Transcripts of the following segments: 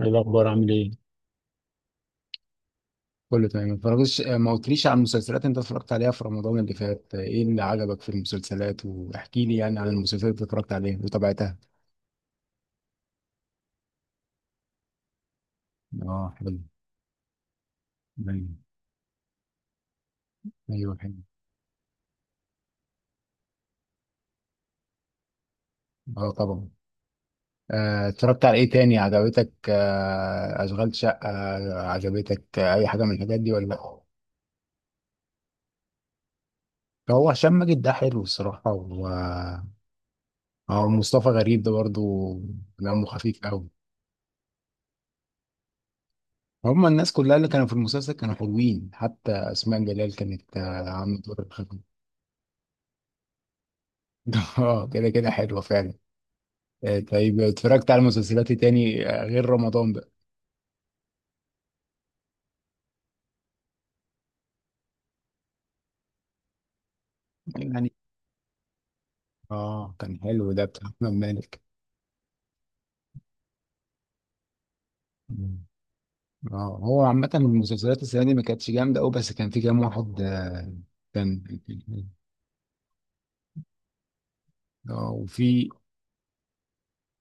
ايه الاخبار؟ عامل ايه؟ كله تمام. ما اتفرجتش، ما قلتليش عن المسلسلات انت اتفرجت عليها في رمضان اللي فات. ايه اللي عجبك في المسلسلات؟ واحكي لي يعني عن المسلسلات اللي اتفرجت عليها وتابعتها. اه، حلو. ايوه. ايوه، حلو. اه طبعا. اتفرجت على ايه تاني عجبتك؟ اشغال شقة؟ عجبتك؟ اي حاجة من الحاجات دي ولا لا؟ هو هشام ماجد ده حلو الصراحة. و اه، مصطفى غريب ده برضو دمه خفيف قوي. هم الناس كلها اللي كانوا في المسلسل كانوا حلوين، حتى أسماء جلال كانت عاملة دور الخدمة. اه، كده كده حلوة فعلا. طيب اتفرجت على مسلسلات إيه تاني غير رمضان بقى؟ يعني اه، كان حلو ده، بتاع أحمد مالك. مم. اه، هو عامة المسلسلات السنة دي ما كانتش جامدة أوي، بس كان في كام واحد كان اه، وفي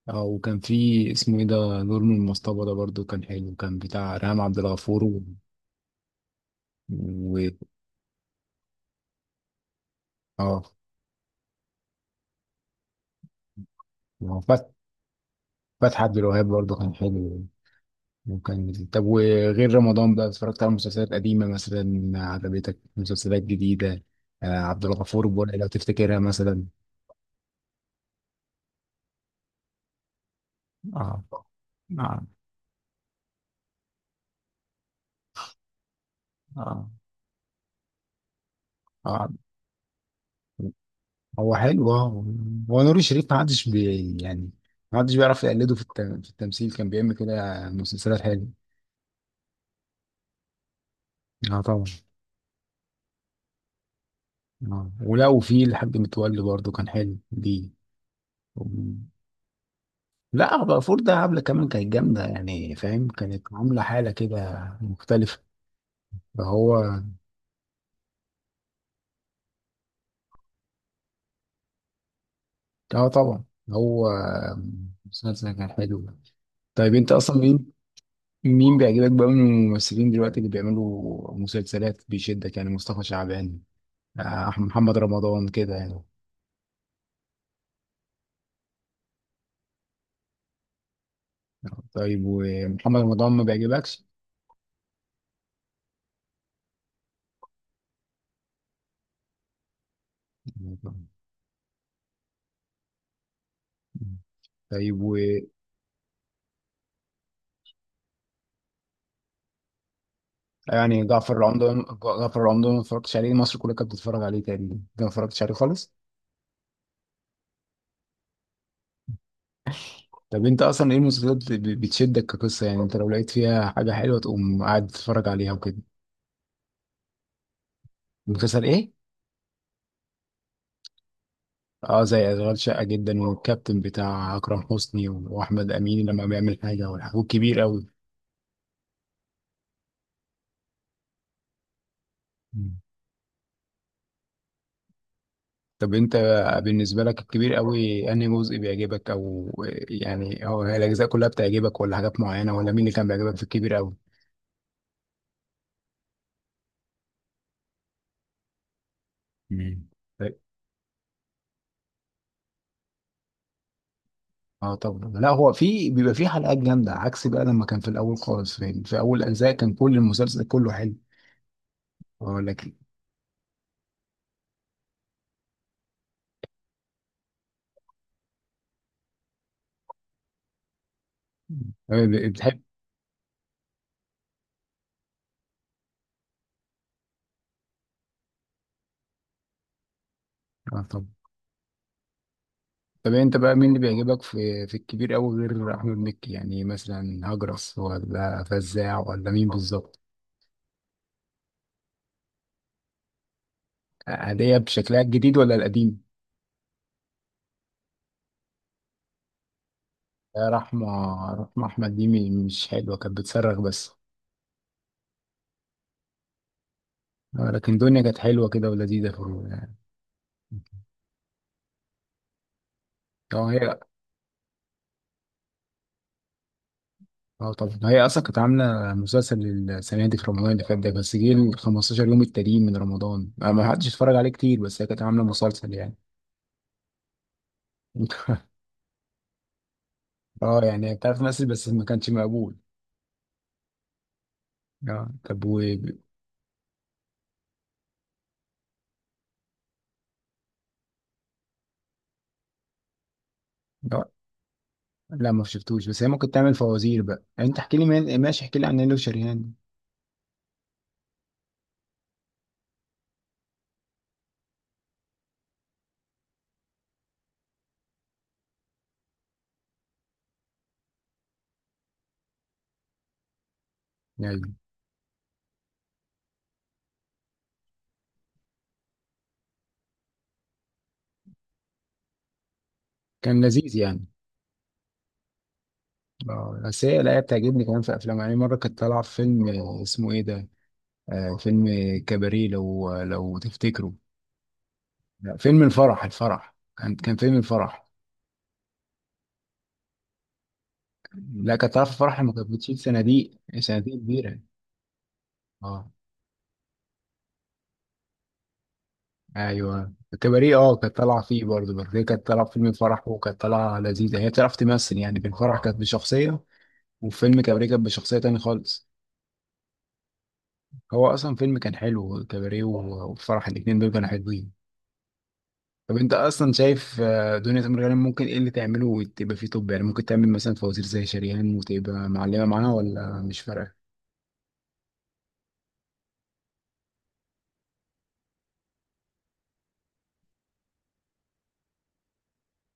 اه، وكان في، اسمه ايه ده؟ نور من المصطبة ده برضو كان حلو، كان بتاع ريهام عبد الغفور و... و... اه، فتحي عبد الوهاب برضه كان حلو. وكان، طب وغير رمضان بقى اتفرجت على مسلسلات قديمة مثلا عجبتك؟ مسلسلات جديدة؟ آه، عبد الغفور البرعي لو تفتكرها مثلا. اه. اه. اه. آه. هو حلو اه. هو نور الشريف ما حدش بي، يعني ما حدش بيعرف يقلده في التمثيل. كان بيعمل كده مسلسلات حلوة. اه طبعا. اه، ولا وفي الحاج متولي برضه كان حلو. دي لا، بقى فورد ده عامله كمان كانت جامده، يعني فاهم، كانت عامله حاله كده مختلفه. فهو اه طبعا. هو مسلسل كان حلو. طيب انت اصلا مين، مين بيعجبك بقى من الممثلين دلوقتي اللي بيعملوا مسلسلات بيشدك؟ يعني مصطفى شعبان، أحمد، محمد رمضان، كده يعني. طيب، ومحمد رمضان ما بيعجبكش؟ طيب و، يعني جعفر العمدة، جعفر العمدة ما اتفرجتش عليه؟ مصر كلها كانت بتتفرج عليه تقريبا، انت ما اتفرجتش عليه خالص؟ طب انت اصلا ايه المسلسلات اللي بتشدك كقصه؟ يعني انت لو لقيت فيها حاجه حلوه تقوم قاعد تتفرج عليها وكده. مسلسل ايه؟ اه، زي اشغال شقه جدا، والكابتن بتاع اكرم حسني، واحمد امين لما بيعمل حاجه، والحاجات كبير قوي. مم. طب انت بالنسبه لك الكبير قوي انهي جزء بيعجبك، او يعني هو هي الاجزاء كلها بتعجبك ولا حاجات معينه، ولا مين اللي كان بيعجبك في الكبير قوي؟ مم. طيب. اه طبعا، لا هو في بيبقى في حلقات جامده، عكس بقى لما كان في الاول خالص في اول اجزاء كان كل المسلسل كله حلو. اقول لك إيه. طب بتحب اه، طب طب انت بقى مين اللي بيعجبك في في الكبير قوي غير احمد مكي؟ يعني مثلا هجرس ولا فزاع ولا مين بالظبط؟ هدية بشكلها الجديد ولا القديم؟ يا رحمة، رحمة احمد دي مش حلوة، كانت بتصرخ بس. لكن دنيا كانت حلوة كده ولذيذة في ال-. اه هي. اه، طب هي اصلا كانت عامله مسلسل السنه دي في رمضان اللي فات ده، بس جه ال 15 يوم التانيين من رمضان ما ما حدش اتفرج عليه كتير، بس هي كانت عامله مسلسل يعني. اه، يعني بتعرف تمثل بس ما كانش مقبول. اه طب و، لا لا، ما شفتوش، بس هي ممكن تعمل فوازير بقى يعني. انت احكي لي من... ماشي، احكي لي عن نيلو شريهان. يعني كان لذيذ يعني. اه، بس هي لا، هي بتعجبني كمان في افلام، يعني مره كانت طالعه في فيلم، اسمه ايه ده؟ آه، فيلم كباريه لو لو تفتكروا. لا، فيلم الفرح. الفرح كان، كان فيلم الفرح. لا، كانت طالعه في الفرح لما كانت بتشيل صناديق، صناديق كبيره. اه، ايوه الكباريه اه، كانت طالعه فيه برضه، بس هي كانت طالعه في فيلم الفرح وكانت طالعه لذيذه، هي بتعرف تمثل يعني. في الفرح كانت بشخصيه، وفي فيلم كباريه كانت بشخصيه تاني خالص. هو اصلا فيلم كان حلو كباريه، و- والفرح، الاتنين دول كانوا حلوين. طب انت اصلا شايف دنيا سمير غانم ممكن ايه اللي تعمله وتبقى فيه؟ طب يعني ممكن تعمل مثلا فوازير زي شريهان وتبقى معلمه معاها، ولا مش فارقه؟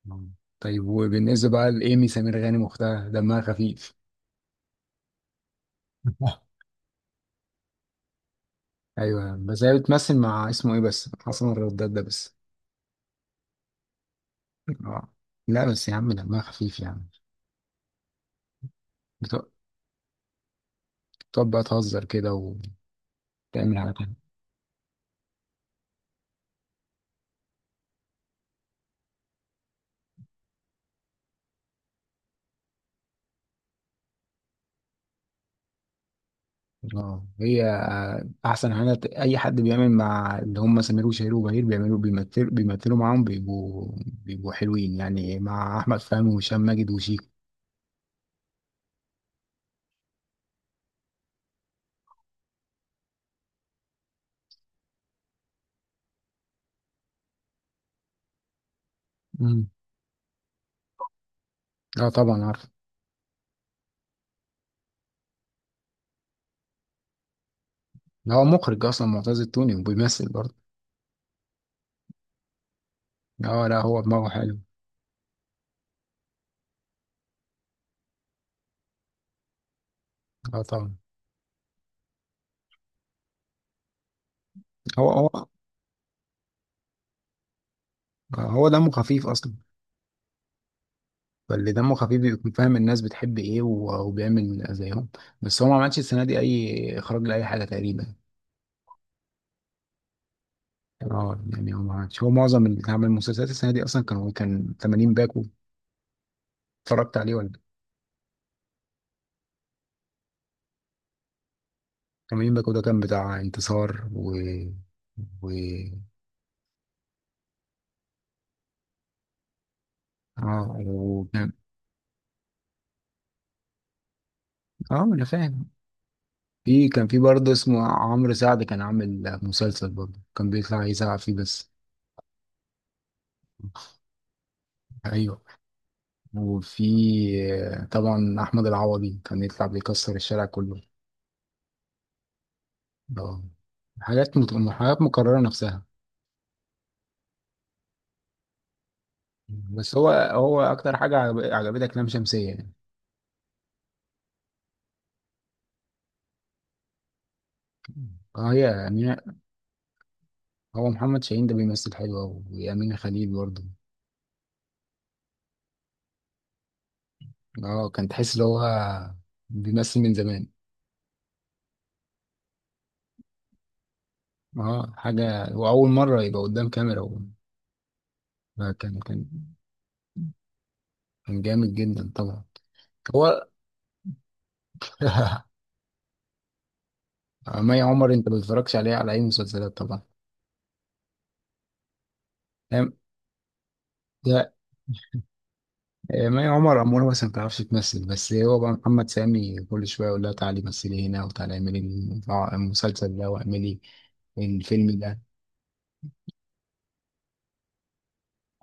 مم. طيب وبالنسبه بقى لايمي سمير غانم واختها، دمها خفيف؟ ايوه، بس هي بتمثل مع اسمه ايه، بس حسن الرداد ده بس. آه. لا بس يا عم دمها خفيف يعني. بتق- بتقعد بقى تهزر كده وتعمل حاجات حلوة. اه، هي احسن حاجه اي حد بيعمل مع اللي هم سمير وشهير وبهير بيعملوا، بيمثلوا، بيمثلوا معاهم بيبقوا، بيبقوا حلوين، يعني مع احمد فهمي وهشام ماجد وشيكو. مم. اه طبعا عارف. ده هو مخرج اصلا معتز التوني وبيمثل برضه. اه لا، هو دماغه حلو. اه طبعا. هو هو آه، هو دمه خفيف اصلا. فاللي دمه خفيف بيكون فاهم الناس بتحب ايه، وبيعمل زيهم. بس هو ما عملش السنه دي اي اخراج لاي حاجه تقريبا. اه، يعني هو ما عملش، هو معظم اللي عمل مسلسلات السنه دي اصلا كان، كان 80 باكو، اتفرجت عليه ولا؟ 80 باكو ده كان بتاع انتصار و، و اه، و... اه، انا فاهم. في كان في برضه اسمه عمرو سعد، كان عامل مسلسل برضه كان بيطلع يزعق فيه بس. ايوه، وفي طبعا احمد العوضي كان يطلع بيكسر الشارع كله. اه، حاجات مكررة نفسها. بس هو هو عجبتك لام شمسية يعني. اه، هي يعني هو محمد شاهين ده بيمثل حلو أوي، وأمينة خليل برضه. اه، كان تحس إن هو بيمثل من زمان. اه، حاجة وأول مرة يبقى قدام كاميرا و... كان كان جامد جدا طبعا. هو مي عمر أنت ما بتتفرجش عليها على أي مسلسلات طبعا، فاهم؟ لا ما هي عمر أمور بس ما بتعرفش تمثل، بس هو بقى محمد سامي كل شوية يقول لها تعالي مثلي هنا، وتعالي اعملي المسلسل ده، واعملي الفيلم ده.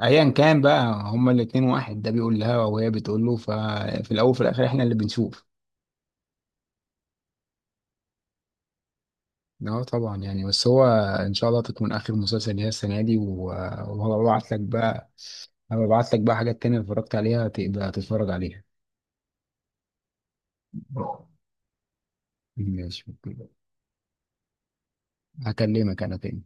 أيا كان بقى، هما الاتنين واحد ده بيقول لها وهي بتقول له، ففي الأول وفي الآخر احنا اللي بنشوف. اه طبعا، يعني بس هو إن شاء الله تكون آخر مسلسل ليها السنة دي وهبعت لك بقى، هبعت لك بقى حاجات تانية اتفرجت عليها تبقى تتفرج عليها. ماشي، أوكي. هكلمك أنا تاني.